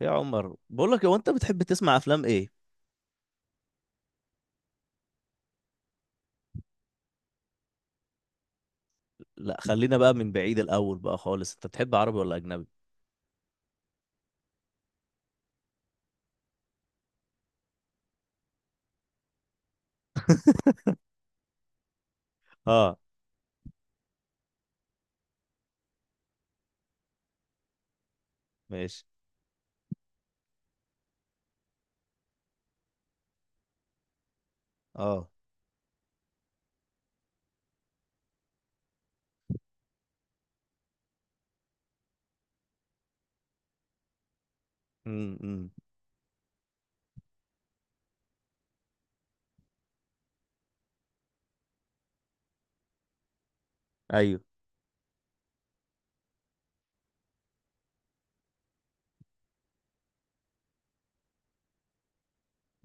يا عمر، بقول لك، هو انت بتحب تسمع افلام ايه؟ لا خلينا بقى من بعيد الاول بقى خالص، انت بتحب عربي ولا اجنبي؟ اه. ماشي. اه. امم. ايوه.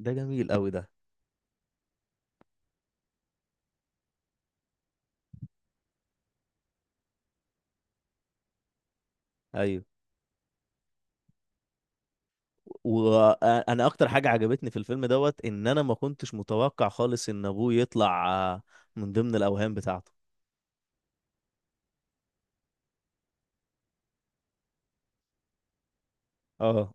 ده جميل قوي ده. ايوه. وانا اكتر حاجه عجبتني في الفيلم دوت ان انا ما كنتش متوقع خالص ان ابوه يطلع آه، من ضمن الاوهام بتاعته. اه.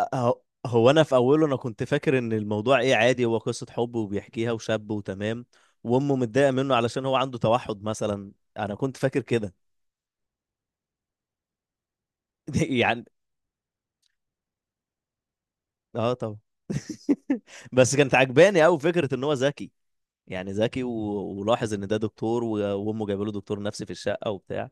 أه- هو انا في اوله، انا كنت فاكر ان الموضوع ايه، عادي، هو قصه حب وبيحكيها، وشاب، وتمام، وامه متضايقه منه علشان هو عنده توحد مثلا. انا كنت فاكر كده. يعني اه طبعا. بس كانت عجباني قوي فكره ان هو ذكي. يعني ذكي ولاحظ ان ده دكتور وامه جايبه له دكتور نفسي في الشقه وبتاع.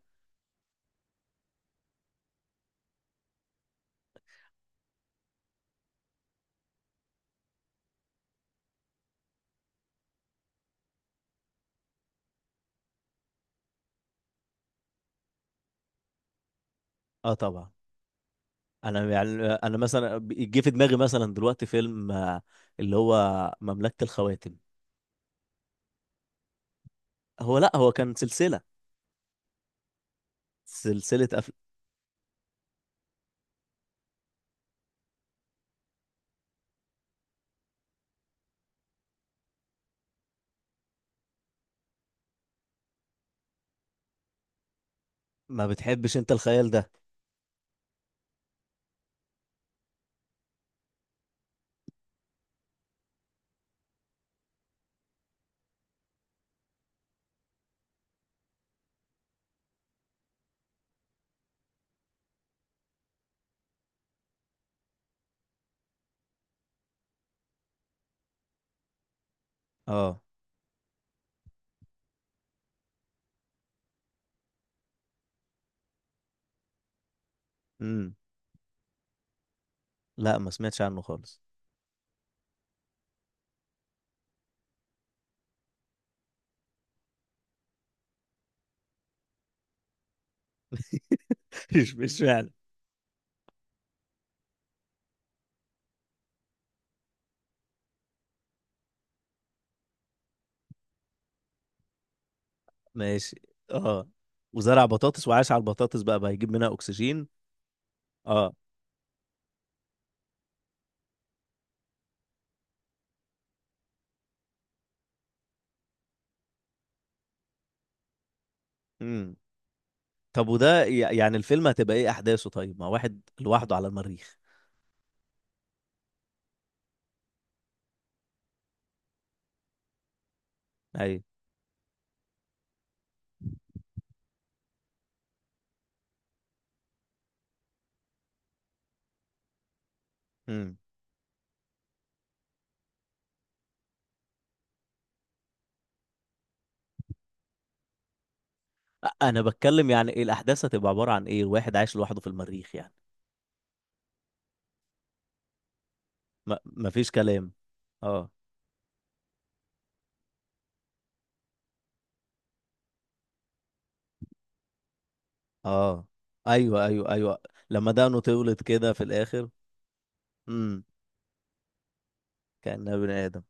اه طبعا. انا يعني انا مثلا جه في دماغي مثلا دلوقتي فيلم اللي هو مملكه الخواتم. هو لا هو كان سلسله. سلسله ما بتحبش انت الخيال ده؟ اه. امم. لا ما سمعتش عنه خالص. مش فعلا. ماشي. اه. وزرع بطاطس وعاش على البطاطس، بقى هيجيب منها اكسجين. اه. مم. طب وده يعني الفيلم هتبقى ايه احداثه؟ طيب ما واحد لوحده على المريخ. ايوه. امم. انا بتكلم يعني ايه، الاحداث هتبقى عبارة عن ايه، الواحد عايش لوحده في المريخ يعني. ما مفيش كلام. اه اه. ايوه ايوه ايوه. لما دقنه تولد كده في الاخر. امم. كأنها بني ادم.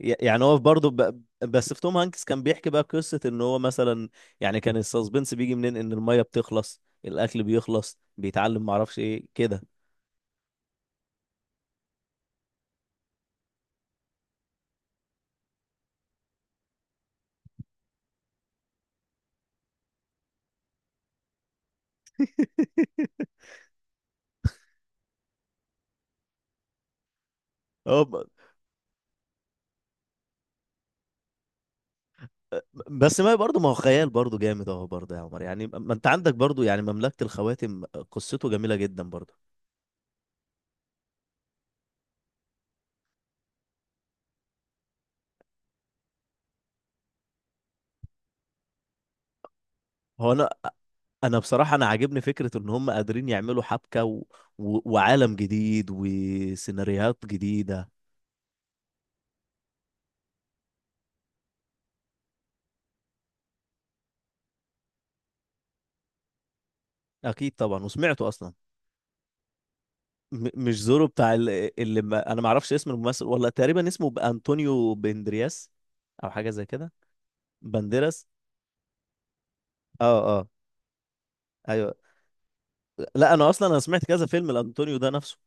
يعني هو برضه بس في توم هانكس كان بيحكي بقى قصة ان هو مثلا، يعني كان السسبنس بيجي منين، ان المية بتخلص، الاكل بيخلص، بيتعلم، معرفش ايه كده. هو. بس ما برضه ما هو خيال برضه جامد اهو، برضه يا عمر، يعني ما انت عندك برضه يعني مملكة الخواتم، قصته جميلة جدا برضه. هو انا بصراحة انا عاجبني فكرة ان هم قادرين يعملوا حبكة و... و... وعالم جديد وسيناريوهات جديده. اكيد طبعا وسمعته اصلا. مش زورو بتاع ال... اللي ما... انا ما اعرفش اسم الممثل والله، تقريبا اسمه انطونيو بندرياس، او حاجة زي كده. بنديراس. اه اه. ايوه. لا انا اصلا انا سمعت كذا فيلم لانطونيو ده نفسه.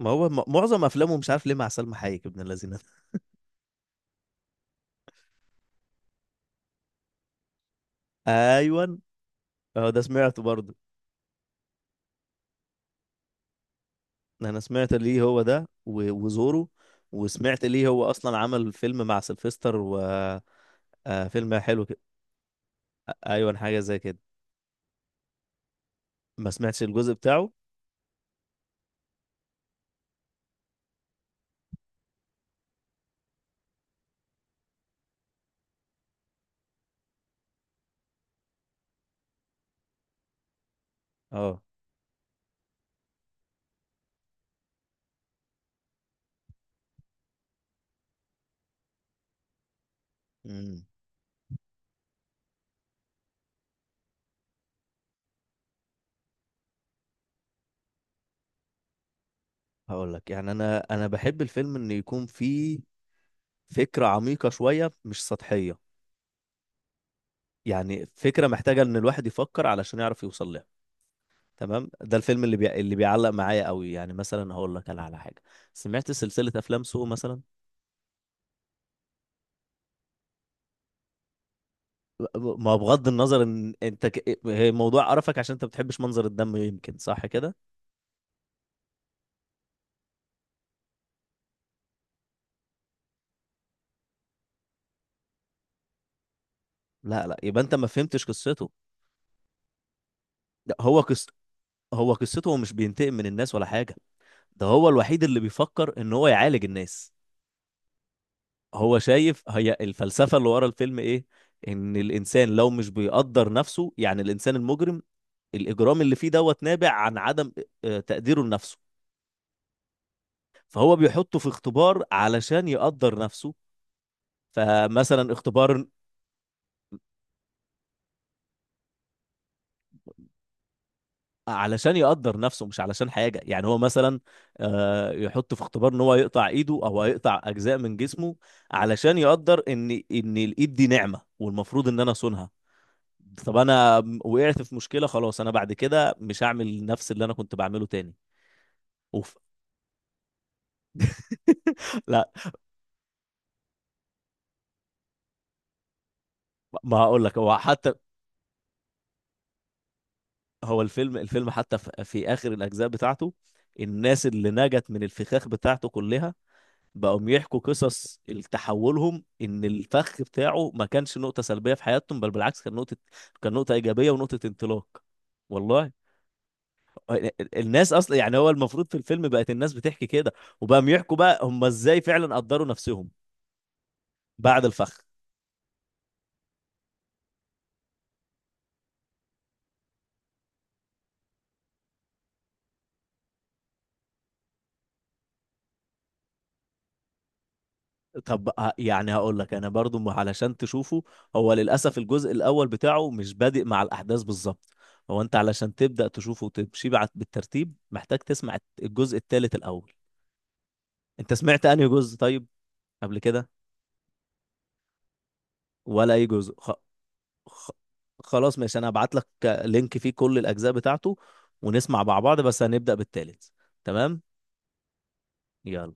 ما هو معظم افلامه مش عارف ليه مع سلمى حايك، ابن الذين ده. ايوه. اه ده سمعته برضه. انا سمعت ليه هو ده و- وزورو. وسمعت ليه هو اصلا عمل فيلم مع سلفستر وفيلم. حلو كده. ايوه حاجه زي كده. ما سمعتش الجزء بتاعه. اه. امم. هقول لك يعني، انا بحب الفيلم ان يكون فيه فكره عميقه شويه، مش سطحيه. يعني فكره محتاجه ان الواحد يفكر علشان يعرف يوصل لها. تمام. ده الفيلم اللي بيعلق معايا قوي. يعني مثلا هقول لك انا على حاجه، سمعت سلسله افلام سو مثلا. ما بغض النظر ان انت هي موضوع قرفك عشان انت ما بتحبش منظر الدم، يمكن صح كده. لا لا، يبقى انت ما فهمتش قصته. لا، هو قصته، هو مش بينتقم من الناس ولا حاجه. ده هو الوحيد اللي بيفكر ان هو يعالج الناس. هو شايف هي الفلسفه اللي ورا الفيلم ايه. ان الانسان لو مش بيقدر نفسه، يعني الانسان المجرم، الاجرام اللي فيه دوت نابع عن عدم تقديره لنفسه. فهو بيحطه في اختبار علشان يقدر نفسه. فمثلا اختبار علشان يقدر نفسه، مش علشان حاجة يعني، هو مثلا يحطه في اختبار ان هو يقطع ايده او هيقطع اجزاء من جسمه، علشان يقدر ان الايد دي نعمة، والمفروض ان انا اصونها. طب انا وقعت في مشكلة خلاص، انا بعد كده مش هعمل نفس اللي انا كنت بعمله تاني. اوف. لا. ما هقول لك، هو حتى، هو الفيلم حتى في اخر الاجزاء بتاعته، الناس اللي نجت من الفخاخ بتاعته كلها، بقوم يحكوا قصص تحولهم ان الفخ بتاعه ما كانش نقطة سلبية في حياتهم، بل بالعكس كان نقطة، كان نقطة إيجابية ونقطة انطلاق. والله. الناس اصلا يعني هو المفروض في الفيلم بقت الناس بتحكي كده، وبقى يحكوا بقى هم ازاي فعلا قدروا نفسهم بعد الفخ. طب يعني هقول لك انا برضو علشان تشوفه، هو للاسف الجزء الاول بتاعه مش بادئ مع الاحداث بالظبط. هو انت علشان تبدا تشوفه وتمشي بعد بالترتيب محتاج تسمع الجزء الثالث الاول. انت سمعت انهي جزء طيب قبل كده؟ ولا اي جزء خ... خلاص ماشي، انا هبعت لك لينك فيه كل الاجزاء بتاعته ونسمع مع بعض، بس هنبدأ بالتالت. تمام. يلا.